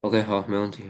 OK，好，没问题。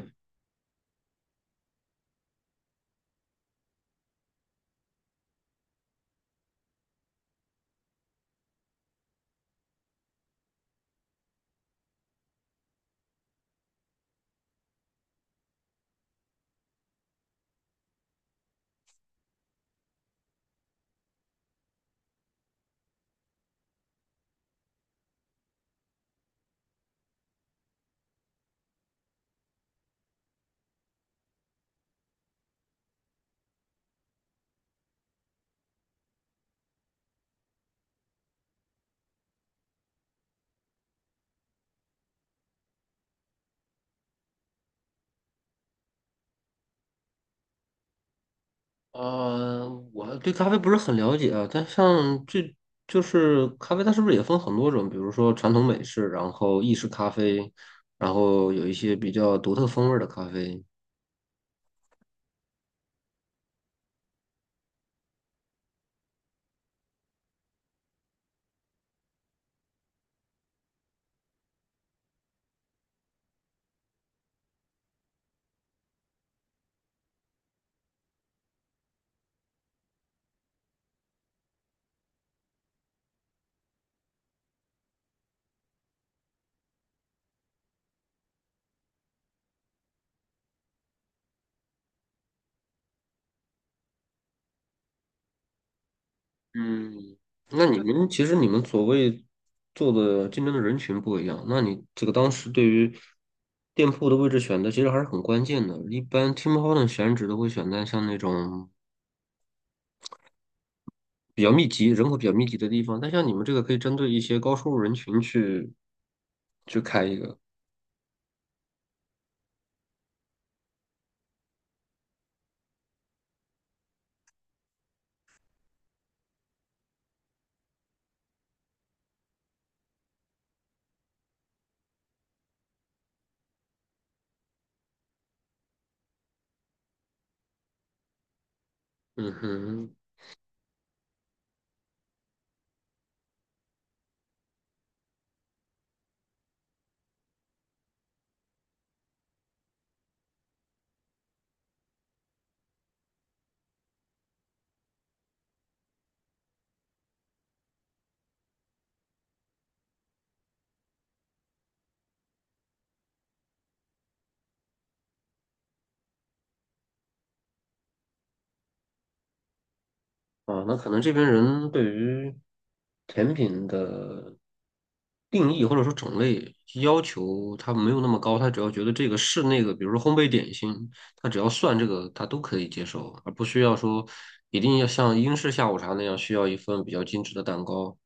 我对咖啡不是很了解啊，但像这就是咖啡，它是不是也分很多种？比如说传统美式，然后意式咖啡，然后有一些比较独特风味的咖啡。嗯，那你们其实你们所谓做的竞争的人群不一样，那你这个当时对于店铺的位置选择其实还是很关键的。一般 Tim Hortons 选址都会选在像那种比较密集、人口比较密集的地方。但像你们这个可以针对一些高收入人群去开一个。嗯哼。啊，那可能这边人对于甜品的定义或者说种类要求，他没有那么高，他只要觉得这个是那个，比如说烘焙点心，他只要算这个，他都可以接受，而不需要说一定要像英式下午茶那样需要一份比较精致的蛋糕。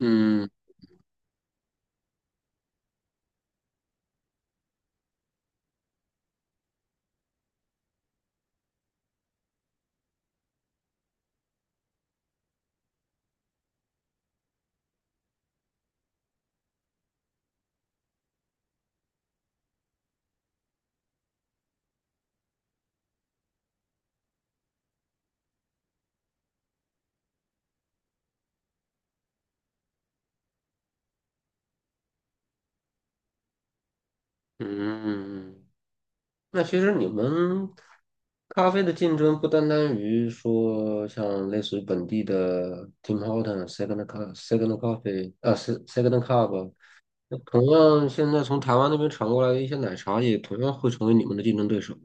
嗯嗯。那其实你们咖啡的竞争不单单于说像类似于本地的 Tim Horton、Second Cup、Second Coffee 啊 Second Cup，那同样现在从台湾那边传过来的一些奶茶，也同样会成为你们的竞争对手的。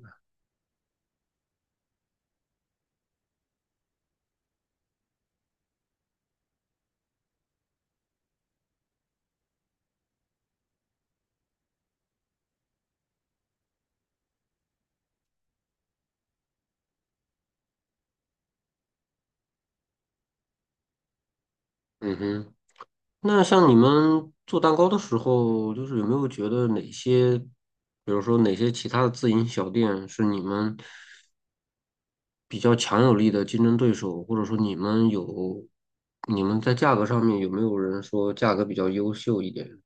嗯哼。那像你们做蛋糕的时候，就是有没有觉得哪些，比如说哪些其他的自营小店是你们？比较强有力的竞争对手，或者说你们有，你们在价格上面有没有人说价格比较优秀一点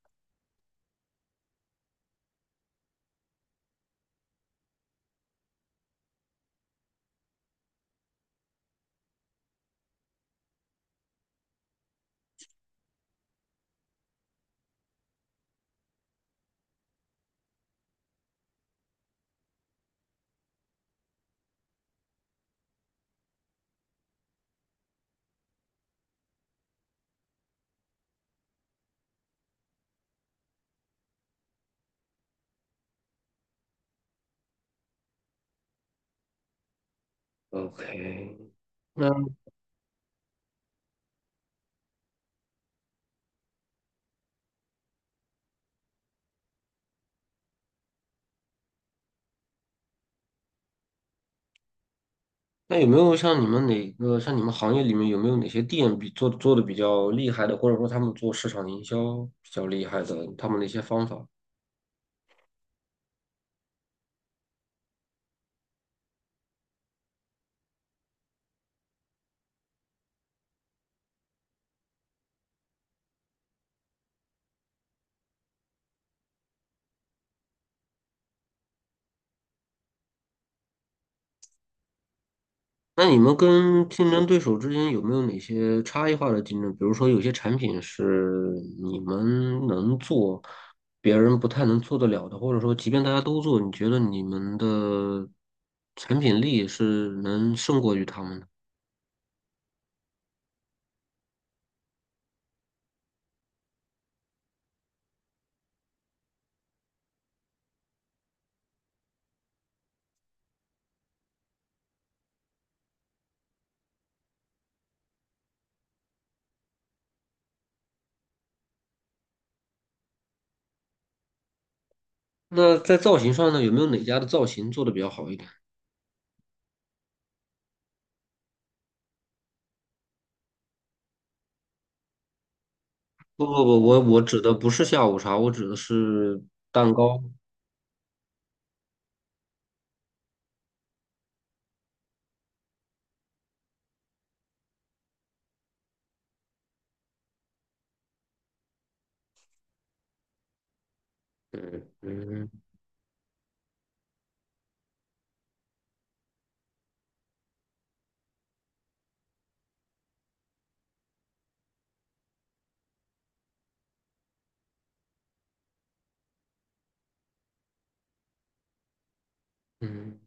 ？OK。那那有没有像你们哪个像你们行业里面有没有哪些店比做的比较厉害的，或者说他们做市场营销比较厉害的，他们的一些方法？那你们跟竞争对手之间有没有哪些差异化的竞争？比如说，有些产品是你们能做，别人不太能做得了的，或者说，即便大家都做，你觉得你们的产品力是能胜过于他们的？那在造型上呢，有没有哪家的造型做得比较好一点？不不不，我指的不是下午茶，我指的是蛋糕。嗯嗯嗯。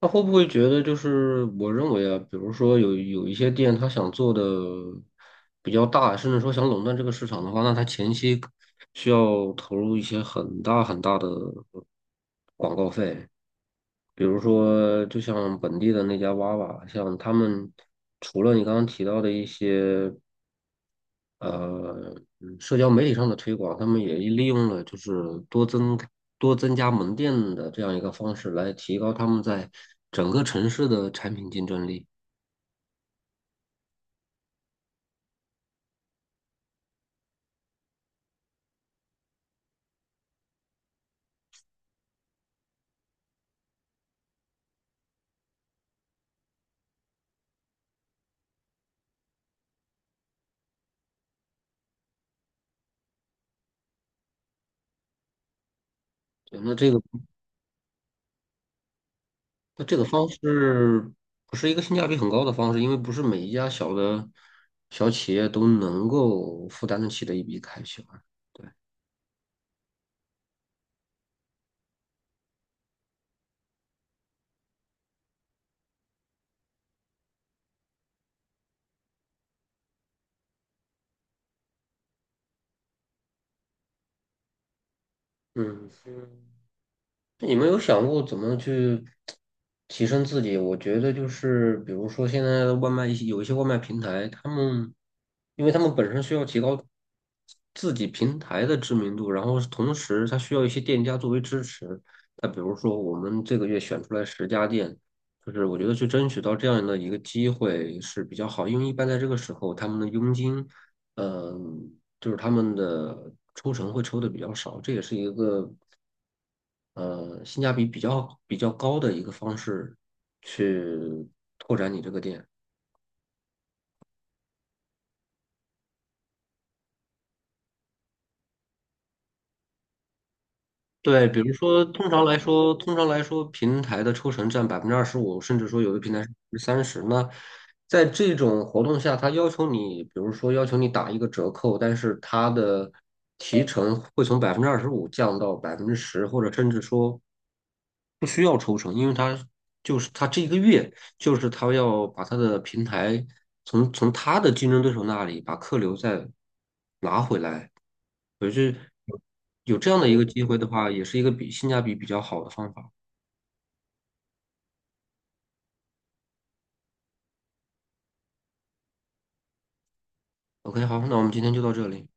他会不会觉得就是我认为啊，比如说有一些店，他想做的比较大，甚至说想垄断这个市场的话，那他前期需要投入一些很大很大的广告费，比如说就像本地的那家娃娃，像他们除了你刚刚提到的一些。呃，社交媒体上的推广，他们也利用了就是多增多增加门店的这样一个方式来提高他们在整个城市的产品竞争力。对，那这个方式不是一个性价比很高的方式，因为不是每一家小企业都能够负担得起的一笔开销啊对，嗯。你们有想过怎么去提升自己？我觉得就是，比如说现在的外卖一些有一些外卖平台，他们因为他们本身需要提高自己平台的知名度，然后同时它需要一些店家作为支持。那比如说我们这个月选出来10家店，就是我觉得去争取到这样的一个机会是比较好，因为一般在这个时候他们的佣金，嗯、就是他们的抽成会抽的比较少，这也是一个。性价比比较高的一个方式去拓展你这个店。对，比如说，通常来说，通常来说，平台的抽成占百分之二十五，甚至说有的平台是30%。那在这种活动下，他要求你，比如说要求你打一个折扣，但是他的提成会从百分之二十五降到10%，或者甚至说不需要抽成，因为他就是他这一个月就是他要把他的平台从他的竞争对手那里把客流再拿回来。可是有这样的一个机会的话，也是一个比性价比比较好的方法。OK，好，那我们今天就到这里。